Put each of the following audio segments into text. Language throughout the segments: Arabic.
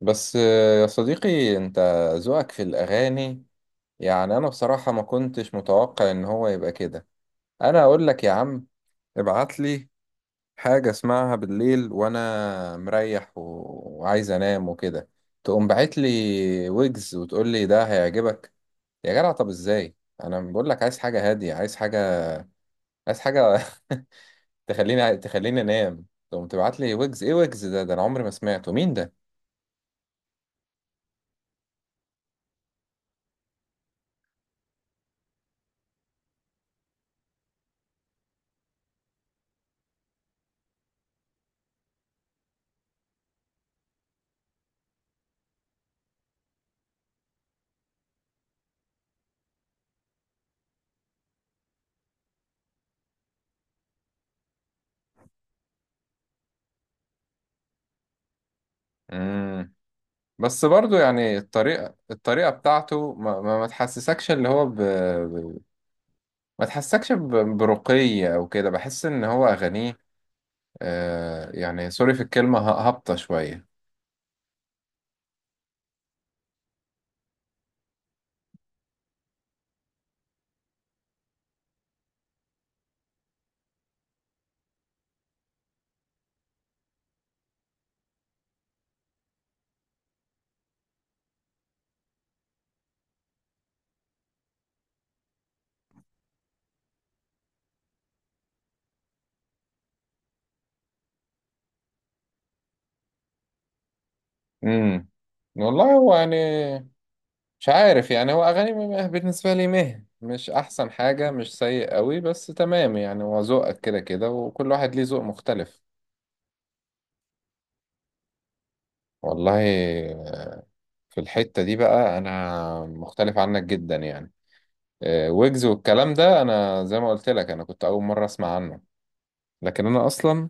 بس يا صديقي، انت ذوقك في الاغاني، يعني انا بصراحة ما كنتش متوقع ان هو يبقى كده. انا اقول لك يا عم، ابعت لي حاجة اسمعها بالليل وانا مريح وعايز انام وكده، تقوم باعت لي ويجز وتقول لي ده هيعجبك. يا جدع، طب ازاي؟ انا بقول لك عايز حاجة هادية، عايز حاجة، عايز حاجة تخليني انام، تقوم تبعت لي ويجز. ايه ويجز ده انا عمري ما سمعته. مين ده؟ بس برضو يعني الطريقة بتاعته ما تحسسكش اللي هو ما تحسسكش برقي أو كده، بحس إن هو أغانيه آه يعني سوري في الكلمة هابطة شوية. امم والله هو يعني مش عارف، يعني هو أغاني بالنسبة لي مش أحسن حاجة، مش سيء قوي، بس تمام يعني، هو ذوقك كده كده وكل واحد ليه ذوق مختلف. والله، آه، في الحتة دي بقى أنا مختلف عنك جدا يعني. ويجز والكلام ده انا زي ما قلت لك انا كنت اول مره اسمع عنه، لكن انا اصلا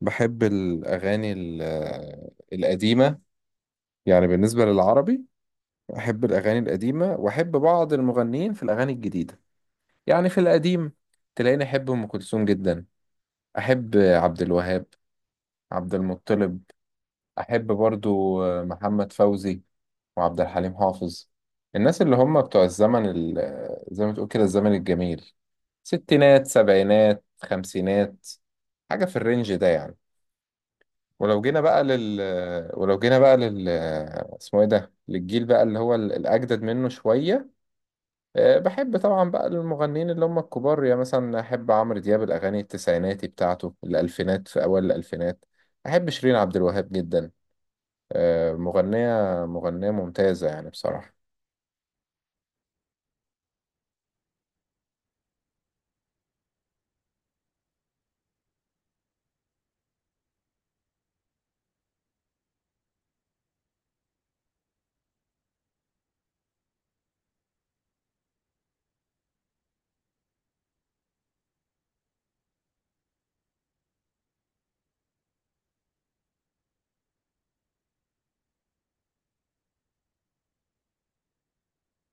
بحب الاغاني القديمه، يعني بالنسبه للعربي احب الاغاني القديمه واحب بعض المغنيين في الاغاني الجديده. يعني في القديم تلاقيني احب ام كلثوم جدا، احب عبد الوهاب، عبد المطلب، احب برضو محمد فوزي وعبد الحليم حافظ، الناس اللي هم بتوع الزمن زي ما تقول كده الزمن الجميل، ستينات سبعينات خمسينات، حاجة في الرينج ده يعني. ولو جينا بقى لل اسمه ايه ده، للجيل بقى اللي هو الأجدد منه شوية. أه، بحب طبعا بقى المغنيين اللي هم الكبار، يعني مثلا أحب عمرو دياب، الأغاني التسعيناتي بتاعته الألفينات، في أوائل الألفينات. أحب شيرين عبد الوهاب جدا، مغنية، مغنية ممتازة يعني بصراحة.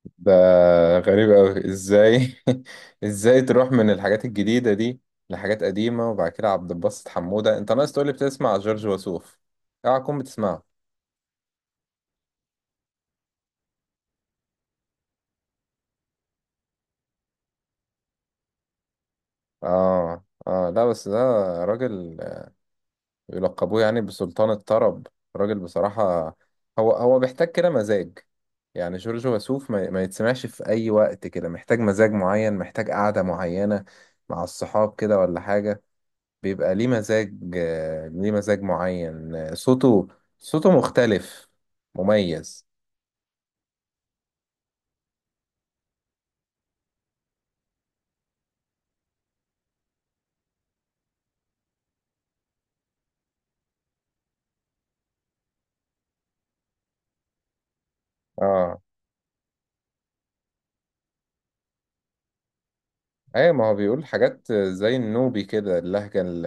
ده غريب أوي، إزاي؟ إزاي تروح من الحاجات الجديدة دي لحاجات قديمة؟ وبعد كده عبد الباسط حمودة؟ أنت ناقص تقولي بتسمع جورج وسوف. أوعى تكون بتسمعه. آه، آه، لا، بس ده راجل يلقبوه يعني بسلطان الطرب، راجل بصراحة. هو هو بيحتاج كده مزاج، يعني جورج وسوف ما يتسمعش في أي وقت كده، محتاج مزاج معين، محتاج قعدة معينة مع الصحاب كده ولا حاجة، بيبقى ليه مزاج، ليه مزاج معين، صوته، صوته مختلف، مميز. اه، ايه، ما هو بيقول حاجات زي النوبي كده، اللهجة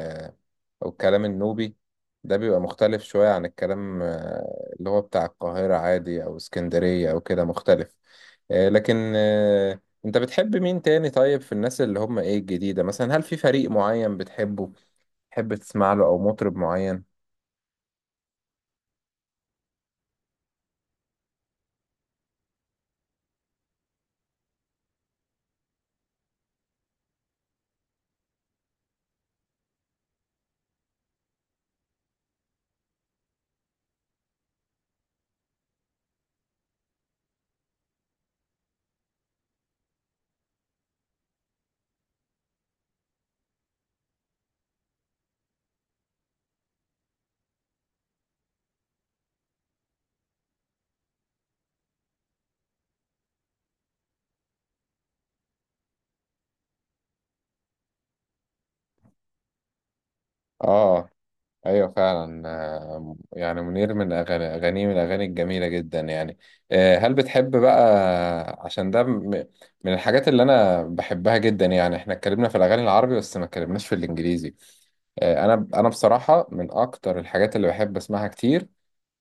او الكلام النوبي، ده بيبقى مختلف شوية عن الكلام اللي هو بتاع القاهرة عادي او اسكندرية او كده، مختلف. لكن انت بتحب مين تاني؟ طيب في الناس اللي هم ايه الجديدة، مثلا هل في فريق معين بتحبه تحب تسمع له، او مطرب معين؟ اه، ايوه فعلا، يعني منير، من اغاني اغانيه من الاغاني الجميله جدا يعني. هل بتحب بقى عشان ده من الحاجات اللي انا بحبها جدا؟ يعني احنا اتكلمنا في الاغاني العربي بس ما اتكلمناش في الانجليزي. انا بصراحه من اكتر الحاجات اللي بحب اسمعها كتير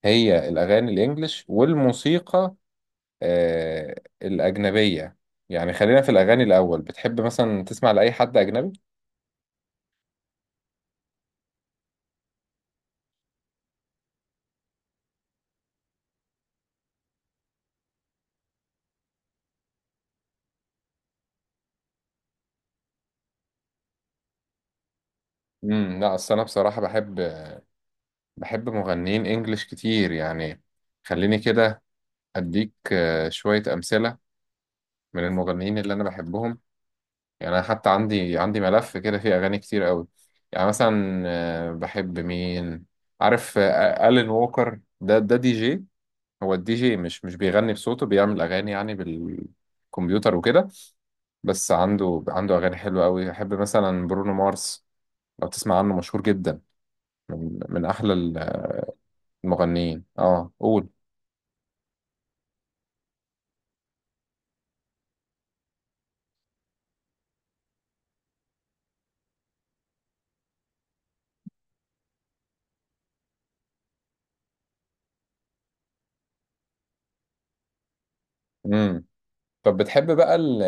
هي الاغاني الانجليش والموسيقى آه، الاجنبيه. يعني خلينا في الاغاني الاول، بتحب مثلا تسمع لاي حد اجنبي؟ لا، اصل انا بصراحه بحب، بحب مغنيين انجليش كتير يعني. خليني كده اديك شوية امثلة من المغنيين اللي انا بحبهم، يعني انا حتى عندي ملف كده فيه اغاني كتير قوي. يعني مثلا بحب مين؟ عارف ألين ووكر؟ ده دي جي، هو الدي جي مش بيغني بصوته، بيعمل اغاني يعني بالكمبيوتر وكده، بس عنده اغاني حلوة قوي. احب مثلا برونو مارس، لو تسمع عنه، مشهور جدا، من احلى المغنيين. اه، قول. مم. طب بتحب بقى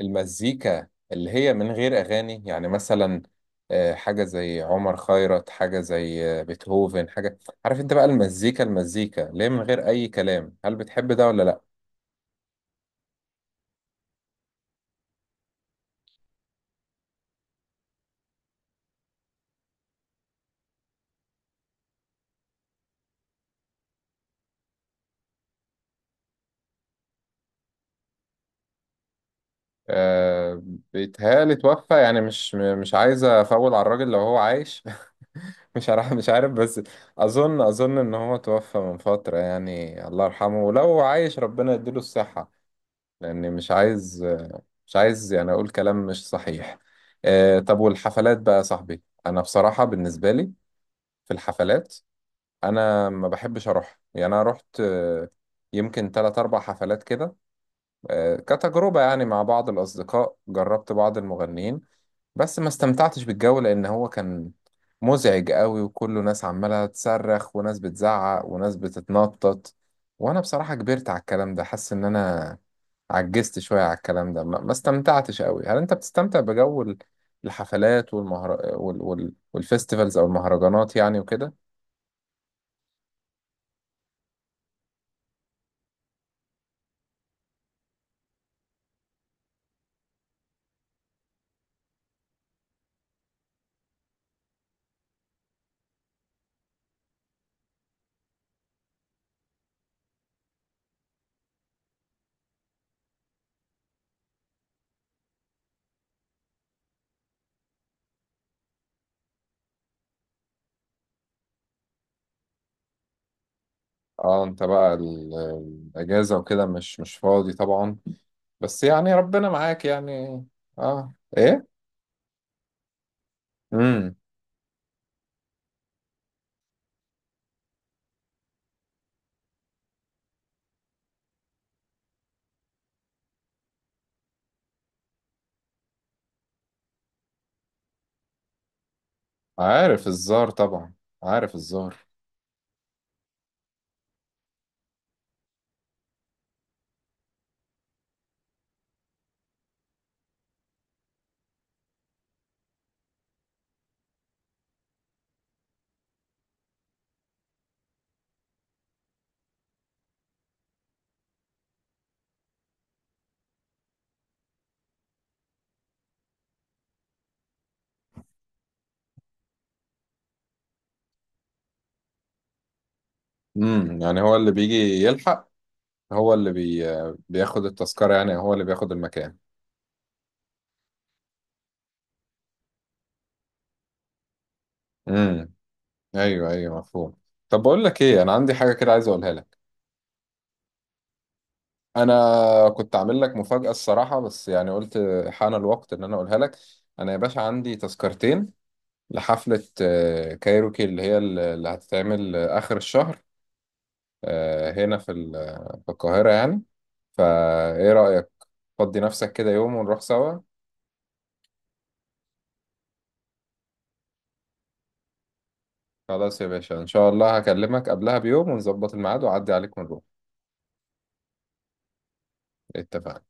المزيكا اللي هي من غير أغاني يعني؟ مثلا حاجة زي عمر خيرت، حاجة زي بيتهوفن، حاجة، عارف انت بقى، المزيكا، المزيكا اللي هي من غير أي كلام، هل بتحب ده ولا لأ؟ أه، بيتهيألي توفى، يعني مش مش عايز أفول على الراجل لو هو عايش مش عارف، مش عارف، بس أظن إن هو توفى من فترة يعني، الله يرحمه، ولو عايش ربنا يديله الصحة، لأني مش عايز، يعني أقول كلام مش صحيح. طب والحفلات بقى يا صاحبي، أنا بصراحة بالنسبة لي في الحفلات أنا ما بحبش أروح. يعني أنا رحت يمكن تلات أربع حفلات كده، كتجربة يعني مع بعض الأصدقاء، جربت بعض المغنيين بس ما استمتعتش بالجو، لأن هو كان مزعج قوي وكله ناس عمالة تصرخ وناس بتزعق وناس بتتنطط. وأنا بصراحة كبرت على الكلام ده، حاسس إن أنا عجزت شوية على الكلام ده، ما استمتعتش قوي. هل انت بتستمتع بجو الحفلات والفستيفالز او المهرجانات يعني وكده؟ اه، انت بقى الاجازة وكده مش فاضي طبعا، بس يعني ربنا معاك يعني. اه، ايه؟ امم عارف الزار طبعا، عارف الزار. يعني هو اللي بيجي يلحق، هو اللي بياخد التذكرة يعني، هو اللي بياخد المكان. امم ايوه، ايوه، مفهوم. طب بقول لك ايه، انا عندي حاجة كده عايز اقولها لك. انا كنت عامل لك مفاجأة الصراحة، بس يعني قلت حان الوقت ان انا اقولها لك. انا يا باشا عندي تذكرتين لحفلة كايروكي، اللي هي اللي هتتعمل اخر الشهر، هنا في في القاهرة يعني، فايه رأيك؟ فضي نفسك كده يوم ونروح سوا. خلاص يا باشا، ان شاء الله هكلمك قبلها بيوم ونظبط الميعاد واعدي عليك ونروح، اتفقنا.